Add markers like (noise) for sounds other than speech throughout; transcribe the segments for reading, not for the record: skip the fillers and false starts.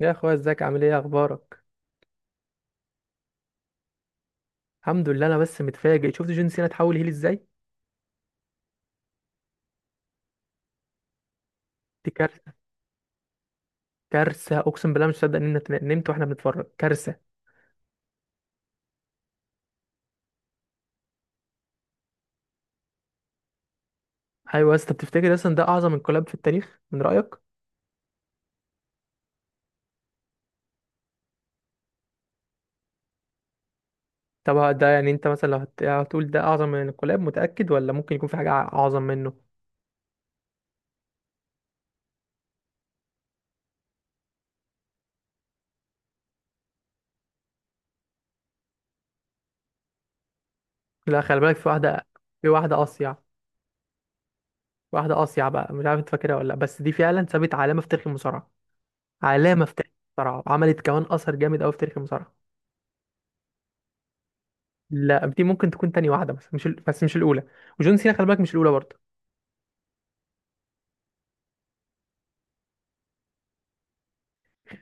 يا اخويا ازيك؟ عامل ايه؟ اخبارك؟ الحمد لله. انا بس متفاجئ شفت جون سينا اتحول هيل ازاي. دي كارثه، كارثه، اقسم بالله مش مصدق ان انت نمت واحنا بنتفرج. كارثه. ايوه يا اسطى، بتفتكر اصلا ده اعظم انقلاب في التاريخ؟ من رايك طب ده، يعني انت مثلا لو هتقول ده اعظم من انقلاب، متاكد ولا ممكن يكون في حاجه اعظم منه؟ لا خلي بالك، في واحده، في واحده اصيع. واحده اصيع بقى مش عارف انت فاكرها ولا لا، بس دي فعلا سابت علامه في تاريخ المصارعه، علامه في تاريخ المصارعه، وعملت كمان اثر جامد قوي في تاريخ المصارعه. لا دي ممكن تكون تاني واحدة، بس مش ال... بس مش الأولى. وجون سينا خلي بالك مش الأولى برضه.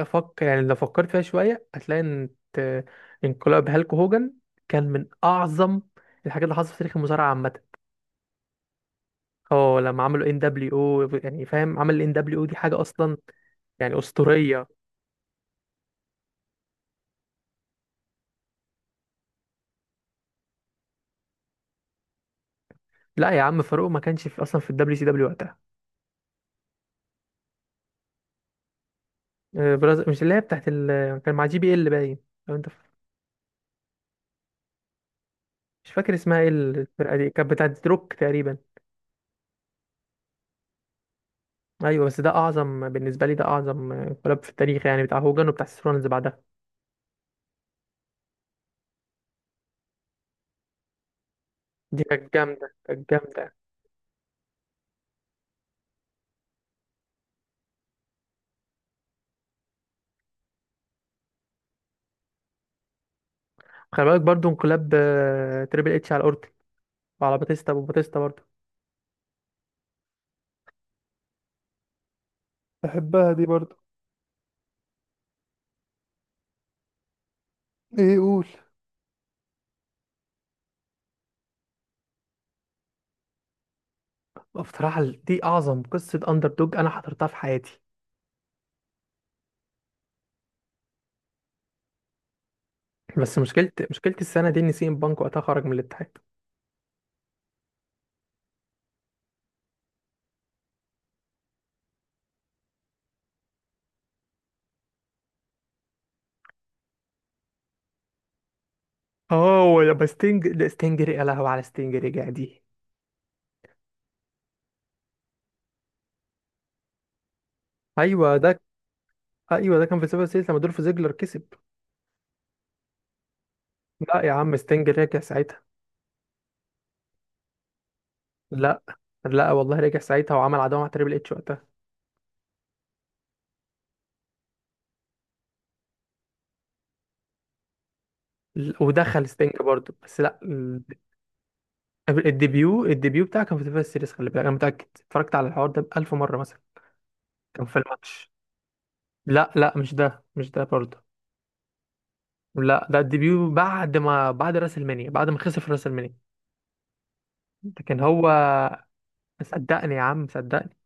أفكر يعني لو فكرت فيها شوية هتلاقي إن انقلاب هالك هوجن كان من أعظم الحاجات اللي حصلت في تاريخ المصارعة عامة. اه لما عملوا ان دبليو او، يعني فاهم عمل الان دبليو او دي حاجة أصلا، يعني أسطورية. لا يا عم، فاروق ما كانش في أصلا في الدبليو سي دبليو وقتها. مش اللي هي بتاعت ال... كان مع جي بي ال باين. لو أنت ف- مش فاكر اسمها ايه الفرقة دي، كانت بتاعت روك تقريبا. ايوه بس ده اعظم، بالنسبه لي ده اعظم انقلاب في التاريخ، يعني بتاع هوجن وبتاع سيسرون اللي بعدها. دي كانت جامده، كانت جامده. خلي بالك برضو انقلاب تريبل اتش على اورتن وعلى باتيستا، وباتيستا برضو بحبها دي برضه. ايه؟ قول. بصراحه دي اعظم قصه اندر دوج انا حضرتها في حياتي. بس مشكله السنه دي ان سي ام بانك وقتها خرج من الاتحاد. اه ولما ستينج، لا يا لهوي على ستينج، رجع دي. ايوه ده ايوه ده كان في سيفر سيلز لما دول في زيجلر كسب. لا يا عم، ستينج رجع ساعتها. لا، لا والله رجع ساعتها وعمل عداوه مع تريبل اتش وقتها. ودخل ستينج برضه، بس لا ال- الديبيو، الديبيو بتاعه كان في تلفزيون السيريس، خلي بالك انا متاكد اتفرجت على الحوار ده بألف مره مثلا. كان في الماتش. لا لا، مش ده، مش ده برضه. لا ده الديبيو بعد راس المنيا، بعد ما خسر في راس المنيا، لكن هو. صدقني يا عم، صدقني،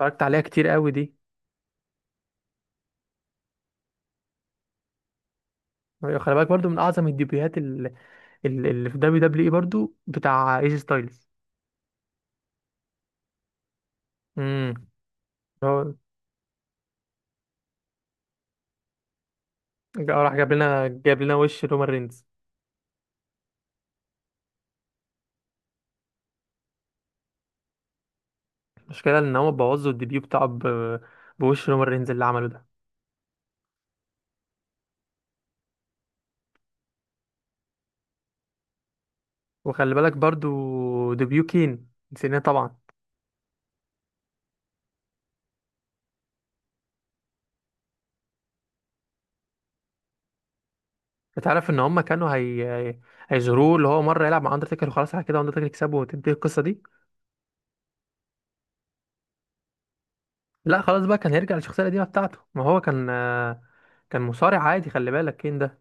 اتفرجت عليها كتير قوي دي. أيوة، خلي بالك برضه من اعظم الديبيوهات اللي في دبليو دبليو اي برضه بتاع ايجي ستايلز. امم. راح جاب لنا جاب لنا وش رومان رينز. المشكله ان هو بوظوا الديبيو بتاعه بوش رومان رينز اللي عمله ده. وخلي بالك برضو ديبيو كين نسيناه طبعا. انت عارف ان هم كانوا هي- هيجروه اللي هو مره يلعب مع اندرتيكر وخلاص، على كده اندرتيكر يكسبه وتنتهي القصه دي. لا خلاص بقى، كان هيرجع للشخصيه القديمه بتاعته، ما هو كان كان مصارع عادي خلي بالك كين ده.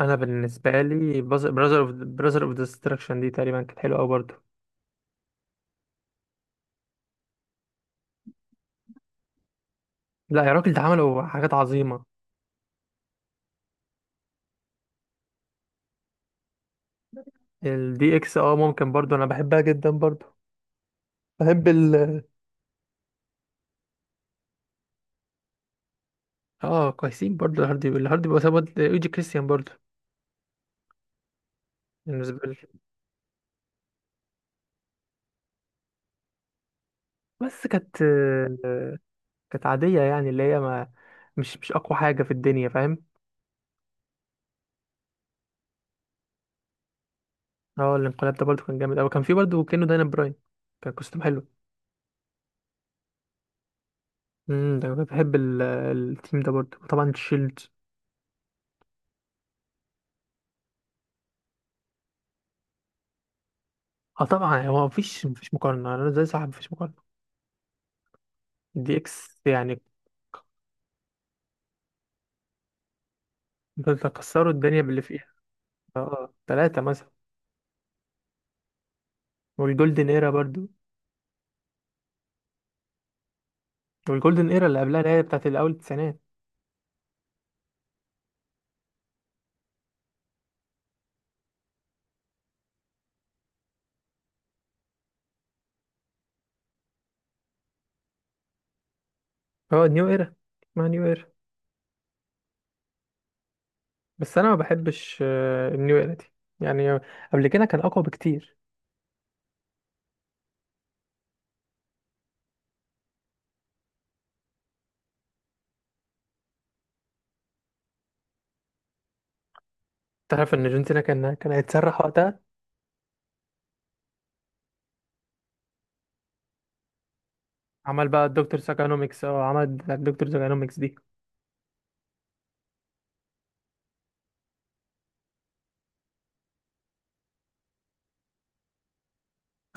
انا بالنسبه لي براذر اوف ديستراكشن دي تقريبا كانت حلوه قوي برضو. لا يا راجل، ده عملوا حاجات عظيمه. الدي اكس اه، ممكن برضو انا بحبها جدا برضو. بحب ال. اه كويسين برضو الهاردي، الهاردي بسبب ايجي كريستيان برضو، بالنسبه لي. بس كانت كانت عاديه، يعني اللي هي ما مش، مش اقوى حاجه في الدنيا فاهم. اه الانقلاب ده برضو كان جامد قوي. كان في برضو كانه داينا براين، كان كوستوم حلو. ده أنا بحب التيم ده برضو طبعا، الشيلد. اه طبعا هو مفيش مقارنه، انا زي صاحب مفيش مقارنه. الدي اكس يعني، كنت كسروا الدنيا باللي فيها. اه ثلاثه مثلا. والجولدن ايرا برضو، والجولدن ايرا اللي قبلها اللي هي بتاعت الاول التسعينات. اه نيو ايرا، ما نيو ايرا، بس انا ما بحبش النيو ايرا دي، يعني قبل كده كان اقوى بكتير. تعرف ان جون سينا كان هيتسرح وقتها، عمل بقى الدكتور ساكانوميكس. اه عمل بتاعت الدكتور ساكانوميكس دي.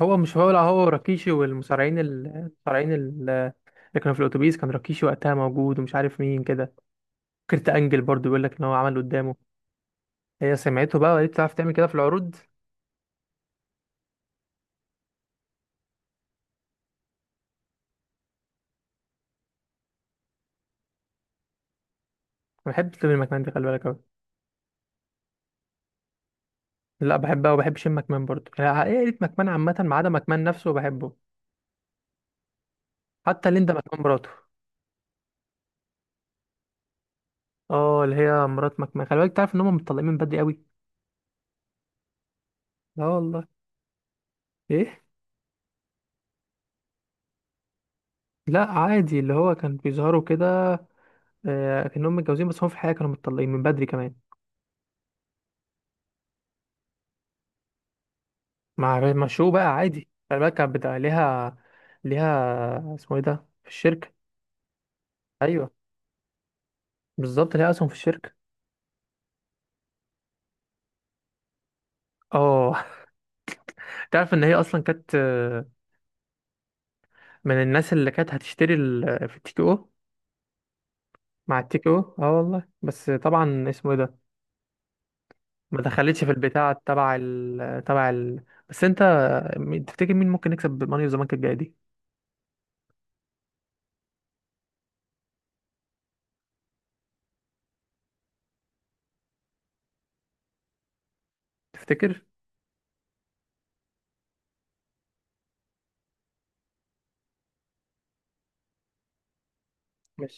هو مش هو، لا هو راكيشي والمصارعين المصارعين اللي كانوا في الاتوبيس، كان راكيشي وقتها موجود ومش عارف مين كده. كرت انجل برضو بيقول لك ان هو عمل قدامه، هي سمعته بقى وقالت تعرف تعمل كده في العروض. انا بحب تلمي المكان دي خلي بالك أوي. لا بحبها، وبحب شم مكمان برضه، يعني عائلة مكمان عامة ما عدا مكمان نفسه بحبه. حتى ليندا مكمان مراته، اه اللي هي مرات مكمان، خلي بالك تعرف ان هم متطلقين من بدري قوي. لا والله. ايه؟ لا عادي، اللي هو كان بيظهروا كده آه كانهم متجوزين، بس هم في الحقيقة كانوا متطلقين من بدري كمان. مع شو بقى، عادي، خلي بالك كانت بتاع ليها، ليها اسمه ايه ده في الشركة. ايوه، بالظبط ليها اسهم في الشركة. اه. (laughs) تعرف ان هي اصلا كانت من الناس اللي كانت هتشتري في التيكي او، مع التيكو اه والله. بس طبعا اسمه ايه ده، ما دخلتش في البتاع تبع ال تبع ال بس انت تفتكر مين ممكن يكسب ماني اوف ذا بانك الجايه دي؟ تفتكر؟ مش،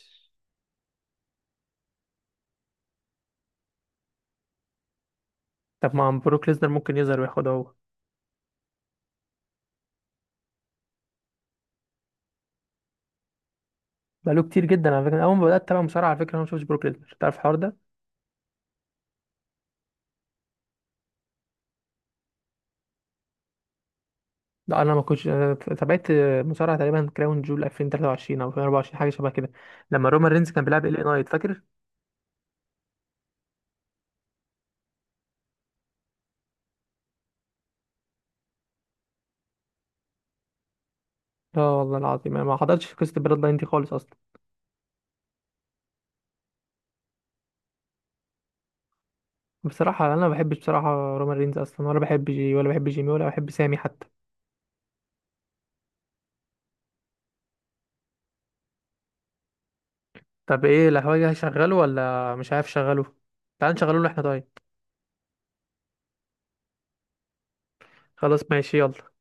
طب ما عم بروك ليزنر ممكن يظهر وياخدها هو. بقاله كتير جدا على فكره. اول ما بدات اتابع مصارعه، على فكره، انا ما شفتش بروك ليزنر، تعرف الحوار ده. لا انا ما كنتش، أنا تابعت مصارعه تقريبا كراون جول 2023 او 2024، حاجه شبه كده، لما رومان رينز كان بيلعب ال نايت فاكر. لا والله العظيم انا ما حضرتش قصه البلاد لاين دي خالص اصلا. بصراحة أنا ما بحبش بصراحة رومان رينز أصلا، ولا بحب جي، ولا بحب جيمي، ولا بحب سامي حتى. طب ايه الهواجة؟ هشغله ولا مش عارف شغله؟ تعال نشغله له احنا طيب. خلاص ماشي، يلا.